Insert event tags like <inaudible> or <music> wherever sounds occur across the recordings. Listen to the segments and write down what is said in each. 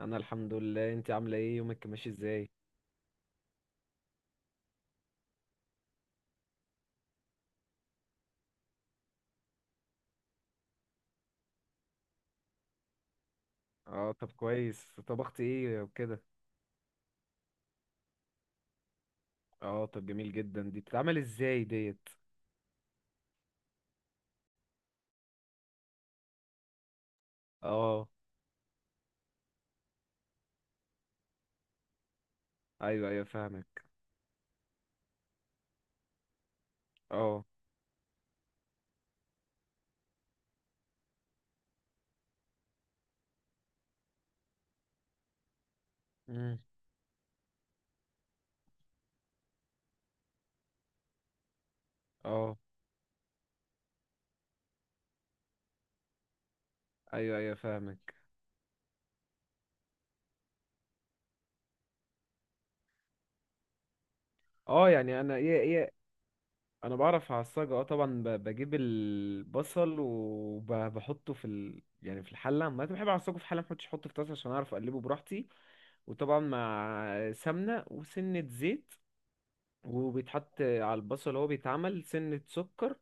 انا الحمد لله. انت عامله ايه؟ يومك ماشي ازاي؟ اه، طب كويس. طبخت ايه وكده؟ اه، طب جميل جدا. دي بتتعمل ازاي ديت؟ اه. ايوه ايوه، فاهمك. اه. امم. اه. ايوه ايوه، فاهمك. اه يعني انا ايه؟ انا بعرف اعصجها. اه، طبعا بجيب البصل وبحطه يعني في الحله. ما أنا بحب اعصجه في حله، ما بحطش، احطه في طاسه عشان اعرف اقلبه براحتي. وطبعا مع سمنه وسنه زيت، وبيتحط على البصل. هو بيتعمل سنة سكر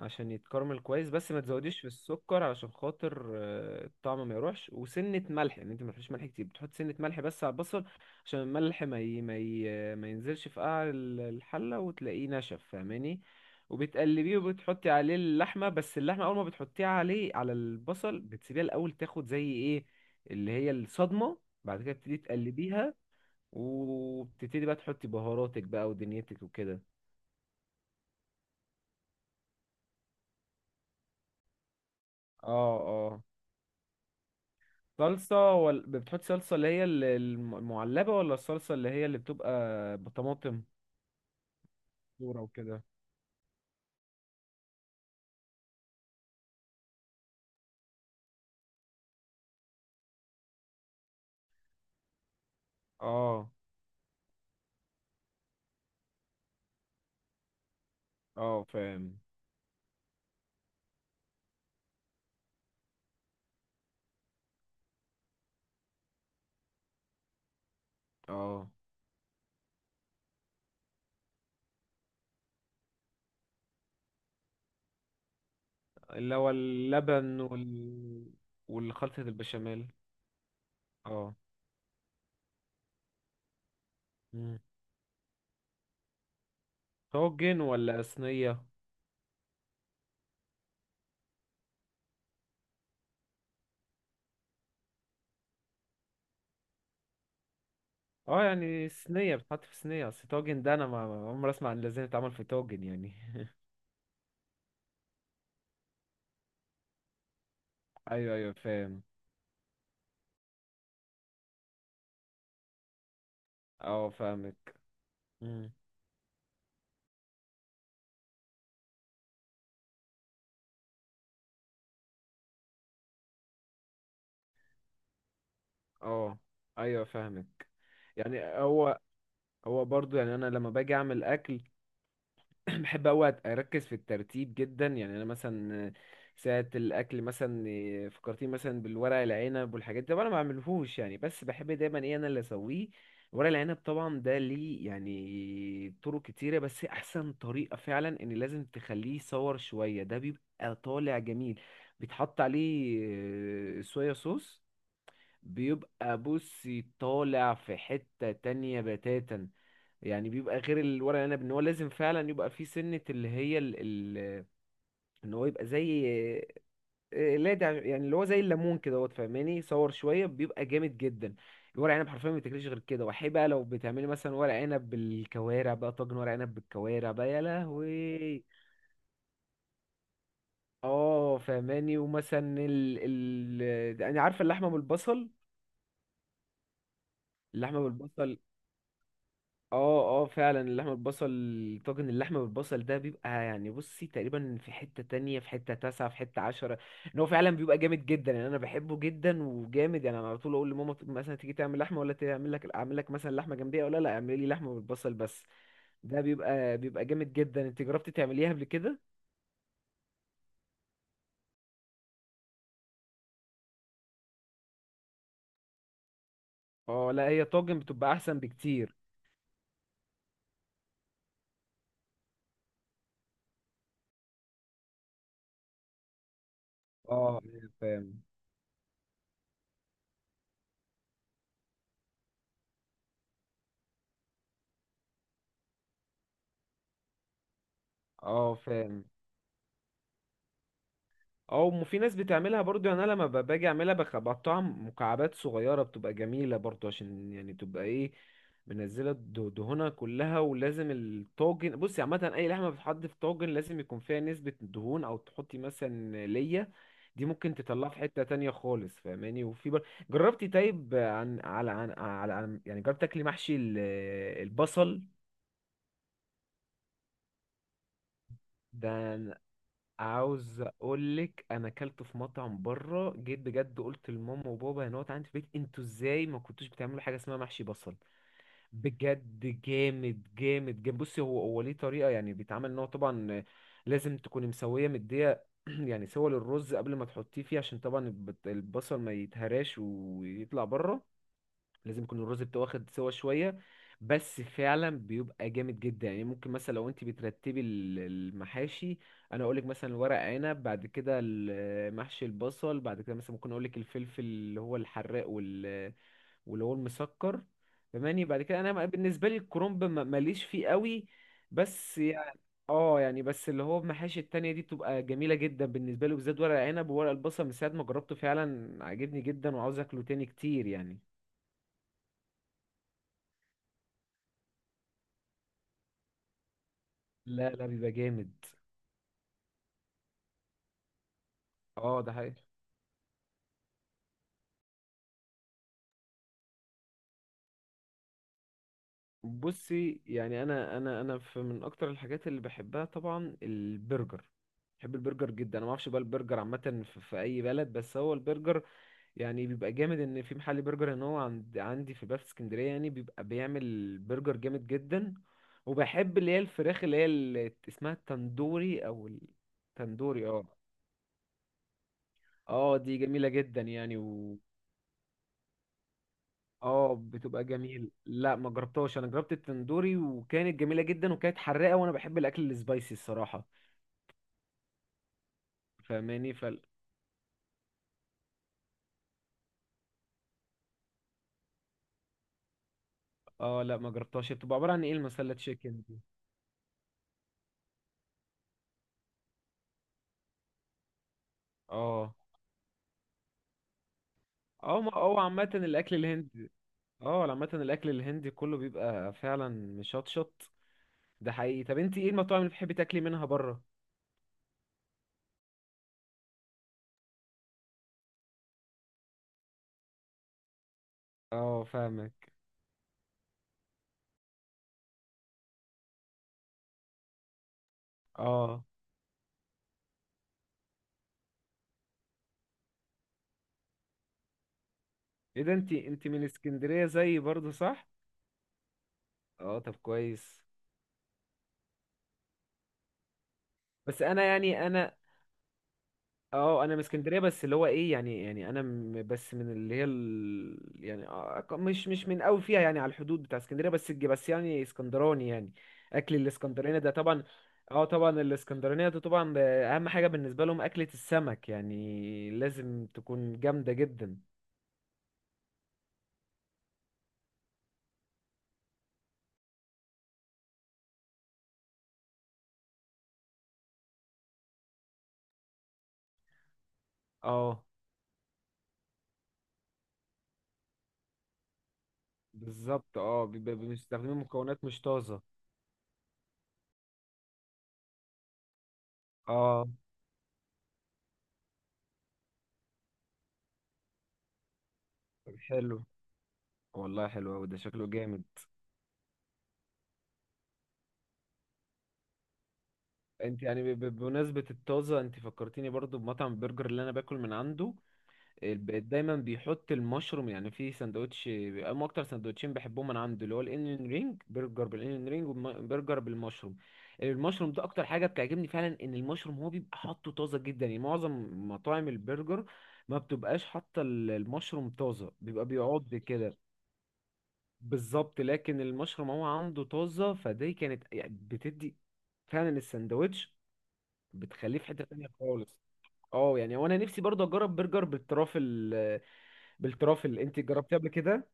عشان يتكرمل كويس، بس ما تزوديش في السكر علشان خاطر الطعم ما يروحش. وسنة ملح، يعني انت ما تحطش ملح كتير، بتحط سنة ملح بس على البصل عشان الملح ما ينزلش في قاع الحلة وتلاقيه نشف، فاهماني؟ وبتقلبيه وبتحطي عليه اللحمة. بس اللحمة أول ما بتحطيها عليه على البصل بتسيبيها الأول تاخد زي إيه، اللي هي الصدمة. بعد كده بتبتدي تقلبيها، وبتبتدي بقى تحطي بهاراتك بقى ودنيتك وكده. اه، اه. صلصة ولا بتحط صلصة اللي هي المعلبة، ولا الصلصة اللي هي اللي بتبقى بطماطم، صورة وكده؟ اه، اه، فاهم. اه، اللي هو اللبن والخلطة البشاميل. اه. مم. طاجن ولا صينية؟ اه، يعني صينية. بتحط في صينية، اصل طاجن ده انا ما عمري اسمع ان لازم يتعمل في طاجن يعني <laughs> ايوه ايوه، فاهم. اه، فاهمك. مم. اه، ايوه، فاهمك. يعني هو برضو، يعني انا لما باجي اعمل اكل <clears throat> بحب اوي اركز في الترتيب جدا. يعني انا مثلا ساعة الاكل، مثلا إيه، فكرتني مثلا بالورق العنب والحاجات دي. طبعا أنا ما بعملهوش يعني، بس بحب دايما ايه انا اللي اسويه. ورق العنب طبعا ده ليه يعني طرق كتيرة، بس احسن طريقة فعلا ان لازم تخليه يصور شوية. ده بيبقى طالع جميل، بيتحط عليه صويا صوص. بيبقى بصي طالع في حتة تانية بتاتا. يعني بيبقى غير الورق العنب ان هو لازم فعلا يبقى فيه سنة اللي هي ال... ان هو يبقى زي إيه، لا ده يعني اللي هو زي الليمون كده، هو فاهماني؟ صور شوية بيبقى جامد جدا. الورق عنب حرفيا ما بتاكلش غير كده. وحي بقى لو بتعملي مثلا ورق عنب بالكوارع بقى، طاجن ورق عنب بالكوارع بقى، يا لهوي. اه، فاهماني؟ ومثلا انا عارفة اللحمة بالبصل. اللحمة بالبصل. اه، اه فعلا، اللحمة بالبصل. طاجن اللحمة بالبصل ده بيبقى، يعني بصي، تقريبا في حتة تانية، في حتة تاسعة، في حتة عشرة. ان هو فعلا بيبقى جامد جدا، يعني انا بحبه جدا وجامد. يعني انا على طول اقول لماما، مثلا تيجي تعمل لحمة، ولا تعمل لك، اعمل لك مثلا لحمة جنبية ولا لا، اعملي لي لحمة بالبصل بس. ده بيبقى جامد جدا. انت جربتي تعمليها قبل كده؟ اه، لا، هي طاجن بتبقى احسن بكتير. اه، فاهم. اه، فاهم. او في ناس بتعملها برضو. يعني انا لما باجي اعملها بقطعها مكعبات صغيره، بتبقى جميله برضو، عشان يعني تبقى ايه، منزله دهونها كلها. ولازم الطاجن، بصي، عامه اي لحمه بتتحط في طاجن لازم يكون فيها نسبه دهون، او تحطي مثلا ليا دي، ممكن تطلعها في حته تانية خالص، فاهماني؟ جربتي طيب، يعني جربت تاكلي محشي البصل ده؟ عاوز اقول لك، انا اكلته في مطعم بره، جيت بجد قلت لماما وبابا هنا عندي في البيت: انتوا ازاي ما كنتوش بتعملوا حاجه اسمها محشي بصل؟ بجد جامد جامد جامد. بصي، هو ليه طريقه يعني بيتعمل، ان هو طبعا لازم تكوني مسويه مديه <clears throat> يعني سوى للرز قبل ما تحطيه فيه، عشان طبعا البصل ما يتهراش ويطلع بره. لازم يكون الرز بتاعه واخد سوا شويه. بس فعلا بيبقى جامد جدا. يعني ممكن مثلا لو انت بترتبي المحاشي، انا اقولك مثلا ورق عنب، بعد كده محشي البصل، بعد كده مثلا ممكن اقولك الفلفل اللي هو الحراق واللي هو المسكر. فماني بعد كده انا بالنسبه لي الكرنب ماليش فيه قوي. بس يعني، اه يعني بس اللي هو المحاشي التانية دي بتبقى جميلة جدا بالنسبة لي بالذات، ورق عنب وورق البصل من ساعة ما جربته فعلا عجبني جدا وعاوز اكله تاني كتير يعني. لا لا، بيبقى جامد. اه، ده حقيقي. بصي، يعني انا في من اكتر الحاجات اللي بحبها طبعا البرجر. بحب البرجر جدا. انا ما اعرفش بقى البرجر عامه في اي بلد، بس هو البرجر يعني بيبقى جامد. ان في محل برجر ان هو عندي في البلد في اسكندريه، يعني بيبقى بيعمل برجر جامد جدا. وبحب اللي هي الفراخ اللي هي اللي اسمها التندوري، او التندوري، اه. اه، دي جميله جدا يعني. اه، بتبقى جميل. لا ما جربتهاش. انا جربت التندوري وكانت جميله جدا وكانت حراقه، وانا بحب الاكل السبايسي الصراحه، فاهماني؟ اه لا ما جربتهاش. بتبقى عباره عن ايه المسله تشيكن دي؟ اه، اه، ما هو عامه الاكل الهندي، اه. عامه الاكل الهندي كله بيبقى فعلا مشطشط، ده حقيقي. طب انت ايه المطاعم اللي بتحبي تاكلي منها بره؟ اه، فاهمك. اه، ايه ده؟ انت من اسكندريه زيي برضو، صح؟ اه، طب كويس. بس انا يعني انا، اه انا من اسكندريه، بس اللي هو ايه يعني انا بس من اللي هي يعني مش من قوي فيها، يعني على الحدود بتاع اسكندريه، بس بس يعني اسكندراني يعني، اكل الاسكندراني ده طبعا. اه، طبعا الاسكندرانيه ده طبعا اهم حاجه بالنسبه لهم اكله السمك، يعني لازم تكون جامده جدا. اه بالظبط، اه بيستخدموا مكونات مش طازه. اه، طب حلو. والله حلو أوي، ده شكله جامد. انت يعني، بمناسبة الطازة، انت فكرتيني برضو بمطعم البرجر اللي انا باكل من عنده. دايما بيحط المشروم يعني في سندوتش. هم اكتر سندوتشين بحبهم من عنده اللي هو الانيون رينج، برجر بالانيون رينج وبرجر بالمشروم. المشروم ده اكتر حاجة بتعجبني، فعلا ان المشروم هو بيبقى حاطه طازة جدا. يعني معظم مطاعم البرجر ما بتبقاش حاطة المشروم طازة، بيبقى بيعض كده. بالظبط، لكن المشروم هو عنده طازة، فدي كانت يعني بتدي فعلا السندوتش، بتخليه في حتة تانية خالص. اه يعني وانا نفسي برضه اجرب برجر بالترافل. بالترافل انت جربتيه قبل كده؟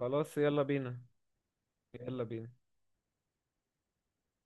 خلاص، يلا بينا. يلا بينا.